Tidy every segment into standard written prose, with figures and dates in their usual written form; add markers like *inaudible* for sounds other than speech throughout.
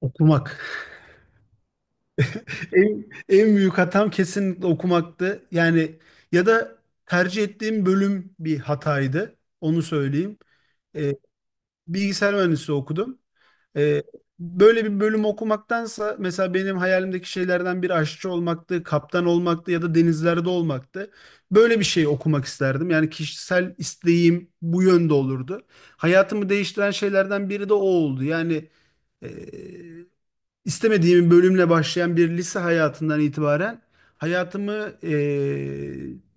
Okumak. *laughs* En, en büyük hatam kesinlikle okumaktı. Yani ya da tercih ettiğim bölüm bir hataydı. Onu söyleyeyim. Ee, Bilgisayar mühendisliği okudum. Ee, Böyle bir bölüm okumaktansa mesela benim hayalimdeki şeylerden biri aşçı olmaktı, kaptan olmaktı ya da denizlerde olmaktı. Böyle bir şey okumak isterdim. Yani kişisel isteğim bu yönde olurdu. Hayatımı değiştiren şeylerden biri de o oldu. Yani e, istemediğim bir bölümle başlayan bir lise hayatından itibaren hayatımı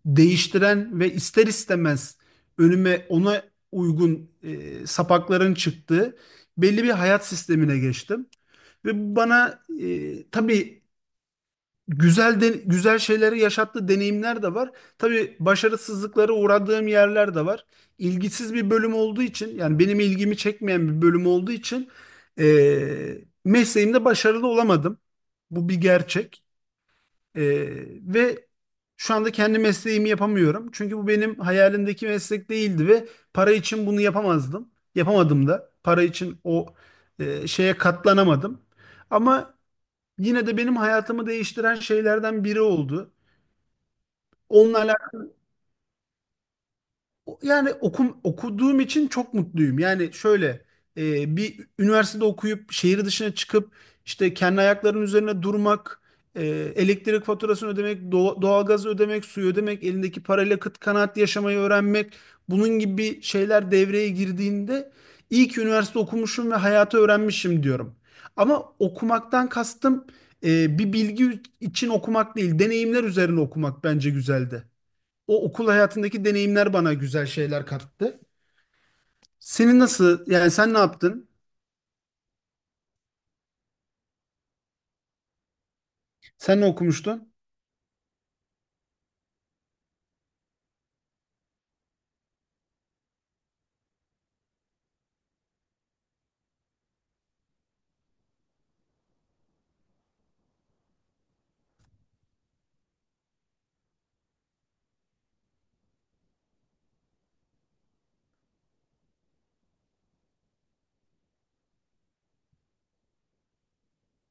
değiştiren ve ister istemez önüme ona uygun sapakların çıktığı belli bir hayat sistemine geçtim. Ve bu bana tabii güzel şeyleri yaşattığı deneyimler de var. Tabii başarısızlıklara uğradığım yerler de var. İlgisiz bir bölüm olduğu için yani benim ilgimi çekmeyen bir bölüm olduğu için e, mesleğimde başarılı olamadım. Bu bir gerçek. Ee, ve şu anda kendi mesleğimi yapamıyorum. Çünkü bu benim hayalimdeki meslek değildi ve para için bunu yapamazdım. Yapamadım da. Para için o şeye katlanamadım. Ama yine de benim hayatımı değiştiren şeylerden biri oldu. Onunla Yani okuduğum için çok mutluyum. Yani şöyle bir üniversitede okuyup şehir dışına çıkıp işte kendi ayaklarının üzerine durmak, e, elektrik faturasını ödemek, doğalgazı ödemek, suyu ödemek, elindeki parayla kıt kanaat yaşamayı öğrenmek, bunun gibi şeyler devreye girdiğinde iyi ki üniversite okumuşum ve hayatı öğrenmişim diyorum. Ama okumaktan kastım bir bilgi için okumak değil, deneyimler üzerine okumak bence güzeldi o okul hayatındaki deneyimler bana güzel şeyler kattı. Senin nasıl, yani sen ne yaptın? Sen ne okumuştun?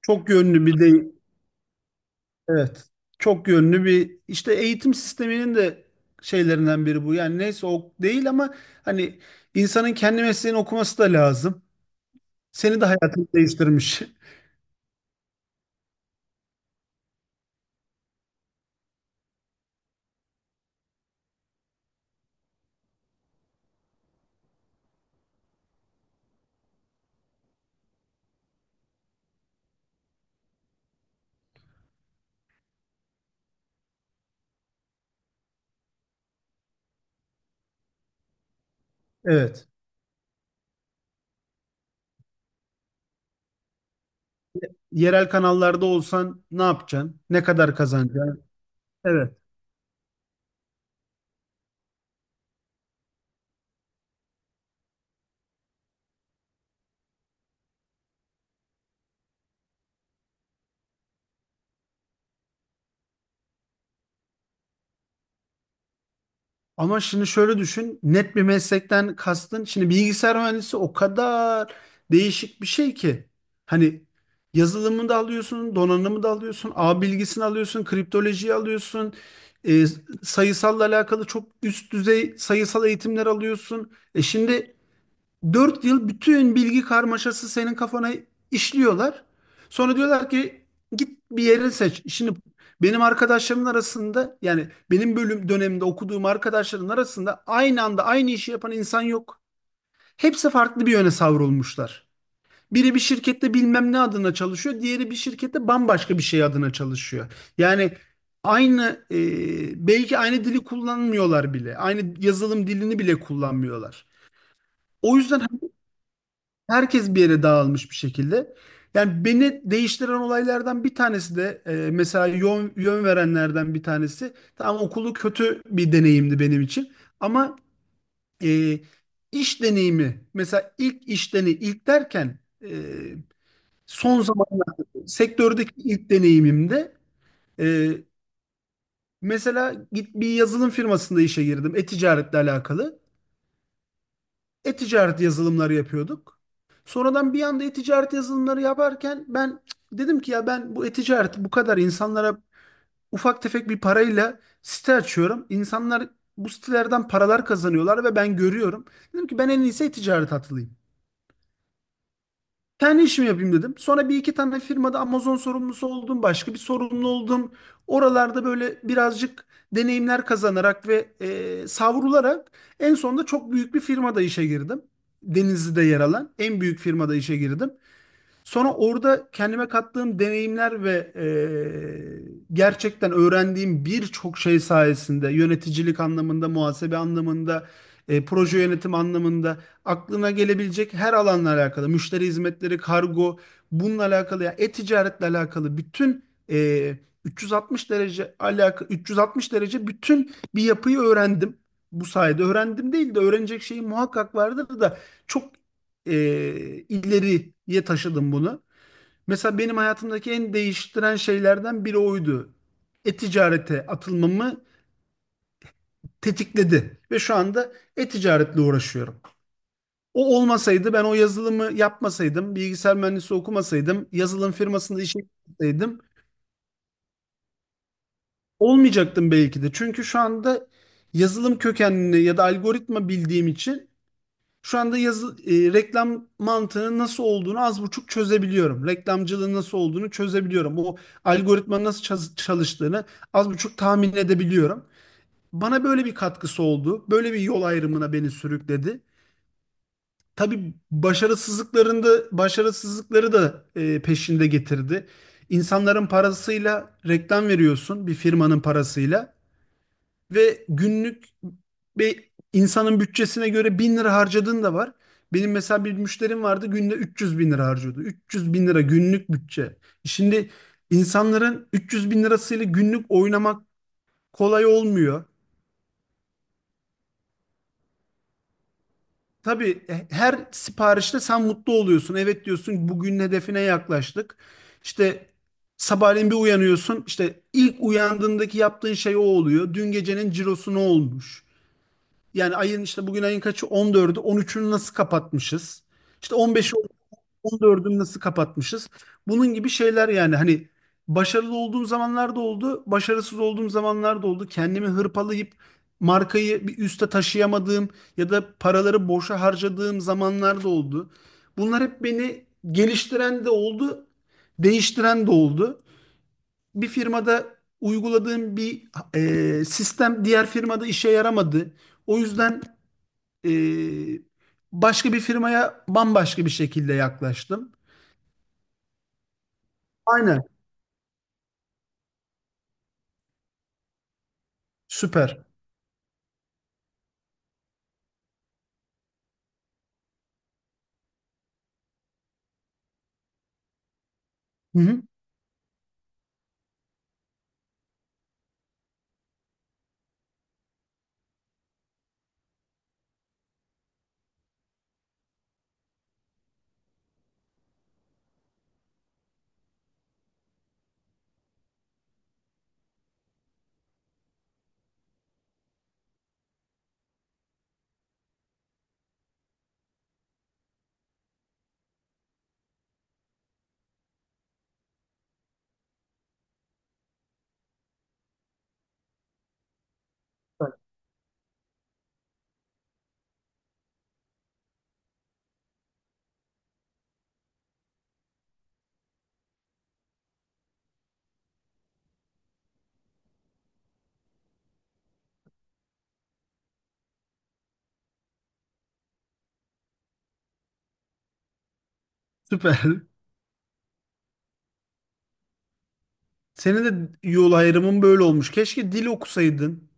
Çok yönlü bir de evet. Çok yönlü bir işte eğitim sisteminin de şeylerinden biri bu. Yani neyse o değil ama hani insanın kendi mesleğini okuması da lazım. Seni de hayatını değiştirmiş. Evet. Yerel kanallarda olsan ne yapacaksın? Ne kadar kazanacaksın? Evet. Ama şimdi şöyle düşün, net bir meslekten kastın. Şimdi bilgisayar mühendisi o kadar değişik bir şey ki. Hani yazılımı da alıyorsun, donanımı da alıyorsun, ağ bilgisini alıyorsun, kriptolojiyi alıyorsun, e, sayısalla alakalı çok üst düzey sayısal eğitimler alıyorsun. Şimdi 4 yıl bütün bilgi karmaşası senin kafana işliyorlar. Sonra diyorlar ki git bir yeri seç. Şimdi benim arkadaşlarımın arasında, yani benim bölüm döneminde okuduğum arkadaşların arasında aynı anda aynı işi yapan insan yok. Hepsi farklı bir yöne savrulmuşlar. Biri bir şirkette bilmem ne adına çalışıyor, diğeri bir şirkette bambaşka bir şey adına çalışıyor. Yani aynı belki aynı dili kullanmıyorlar bile. Aynı yazılım dilini bile kullanmıyorlar. O yüzden herkes bir yere dağılmış bir şekilde. Yani beni değiştiren olaylardan bir tanesi de mesela yön verenlerden bir tanesi. Tamam okulu kötü bir deneyimdi benim için. Ama e, iş deneyimi, mesela ilk iş deneyimi, ilk derken e, son zamanlarda sektördeki ilk deneyimimde e, mesela git bir yazılım firmasında işe girdim. E-ticaretle alakalı. E-ticaret yazılımları yapıyorduk. Sonradan bir anda e-ticaret yazılımları yaparken ben dedim ki ya ben bu e-ticaret bu kadar insanlara ufak tefek bir parayla site açıyorum. İnsanlar bu sitelerden paralar kazanıyorlar ve ben görüyorum. Dedim ki ben en iyisi e-ticaret atılayım. Kendi işimi yapayım dedim. Sonra bir iki tane firmada Amazon sorumlusu oldum. Başka bir sorumlu oldum. Oralarda böyle birazcık deneyimler kazanarak ve savrularak en sonunda çok büyük bir firmada işe girdim. Denizli'de yer alan en büyük firmada işe girdim. Sonra orada kendime kattığım deneyimler ve gerçekten öğrendiğim birçok şey sayesinde, yöneticilik anlamında, muhasebe anlamında, proje yönetim anlamında aklına gelebilecek her alanla alakalı, müşteri hizmetleri, kargo, bununla alakalı ya e-ticaretle alakalı bütün e, 360 derece alaka 360 derece bütün bir yapıyı öğrendim. Bu sayede öğrendim değil de öğrenecek şeyim muhakkak vardır da çok e, ileriye taşıdım bunu. Mesela benim hayatımdaki en değiştiren şeylerden biri oydu. E-ticarete atılmamı tetikledi ve şu anda e-ticaretle uğraşıyorum. O olmasaydı, ben o yazılımı yapmasaydım, bilgisayar mühendisi okumasaydım, yazılım firmasında işe gitseydim olmayacaktım belki de. Çünkü şu anda yazılım kökenli ya da algoritma bildiğim için şu anda reklam mantığının nasıl olduğunu az buçuk çözebiliyorum. Reklamcılığın nasıl olduğunu çözebiliyorum. O algoritmanın nasıl çalıştığını az buçuk tahmin edebiliyorum. Bana böyle bir katkısı oldu. Böyle bir yol ayrımına beni sürükledi. Tabii başarısızlıkları da peşinde getirdi. İnsanların parasıyla reklam veriyorsun, bir firmanın parasıyla. Ve günlük bir insanın bütçesine göre 1.000 lira harcadığın da var. Benim mesela bir müşterim vardı, günde 300 bin lira harcıyordu. 300 bin lira günlük bütçe. Şimdi insanların 300 bin lirasıyla günlük oynamak kolay olmuyor. Tabii her siparişte sen mutlu oluyorsun. Evet diyorsun, bugün hedefine yaklaştık. İşte sabahleyin bir uyanıyorsun. İşte ilk uyandığındaki yaptığın şey o oluyor. Dün gecenin cirosu ne olmuş? Yani ayın, işte bugün ayın kaçı? 14'ü. 13'ünü nasıl kapatmışız? İşte 15'i 14'ünü nasıl kapatmışız? Bunun gibi şeyler, yani hani başarılı olduğum zamanlar da oldu, başarısız olduğum zamanlar da oldu. Kendimi hırpalayıp markayı bir üste taşıyamadığım ya da paraları boşa harcadığım zamanlar da oldu. Bunlar hep beni geliştiren de oldu, değiştiren de oldu. Bir firmada uyguladığım bir sistem diğer firmada işe yaramadı. O yüzden e, başka bir firmaya bambaşka bir şekilde yaklaştım. Aynen. Süper. Hı hı. Süper. *laughs* Senin de yol ayrımın böyle olmuş. Keşke dil okusaydın.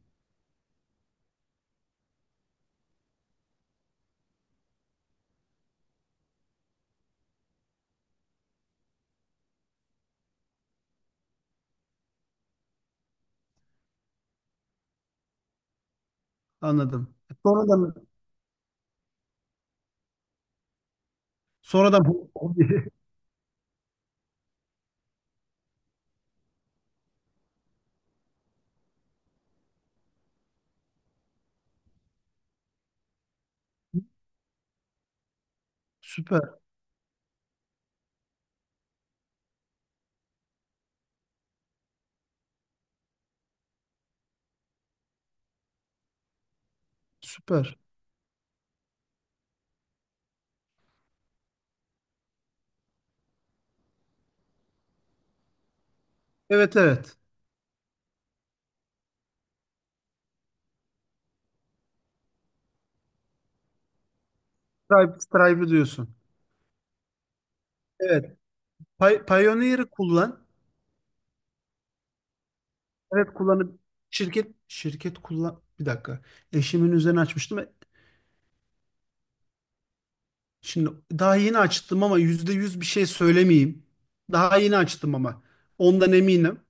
Anladım. Sonradan sonradan *laughs* hobi. Süper. Süper. Evet, evet. Stripe, Stripe'ı diyorsun. Evet. Pioneer'ı kullan. Evet, kullanıp şirket kullan. Bir dakika. Eşimin üzerine açmıştım. Şimdi daha yeni açtım ama %100 bir şey söylemeyeyim. Daha yeni açtım ama ondan eminim.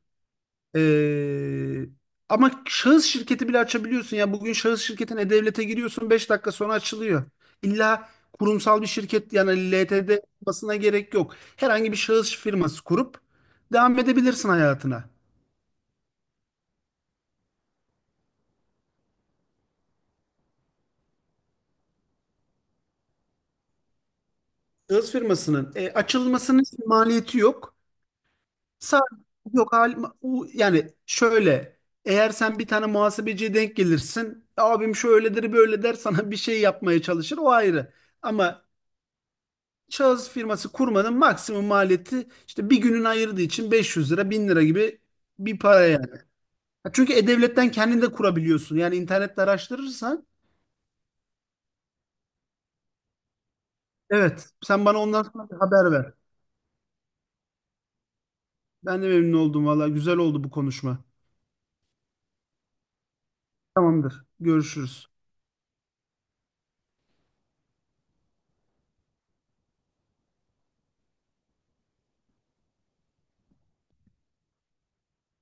Ee, Ama şahıs şirketi bile açabiliyorsun ya. Bugün şahıs şirketine devlete giriyorsun, 5 dakika sonra açılıyor. İlla kurumsal bir şirket, yani LTD olmasına gerek yok. Herhangi bir şahıs firması kurup devam edebilirsin hayatına. Şahıs firmasının açılmasının maliyeti yok. Sa- Yok halim, yani şöyle, eğer sen bir tane muhasebeciye denk gelirsin abim şöyledir böyle der, *laughs* sana bir şey yapmaya çalışır, o ayrı. Ama şahıs firması kurmanın maksimum maliyeti işte bir günün ayırdığı için 500 lira 1.000 lira gibi bir para yani. Çünkü e-devletten kendin de kurabiliyorsun, yani internette araştırırsan evet, sen bana ondan sonra bir haber ver. Ben de memnun oldum valla, güzel oldu bu konuşma. Tamamdır, görüşürüz.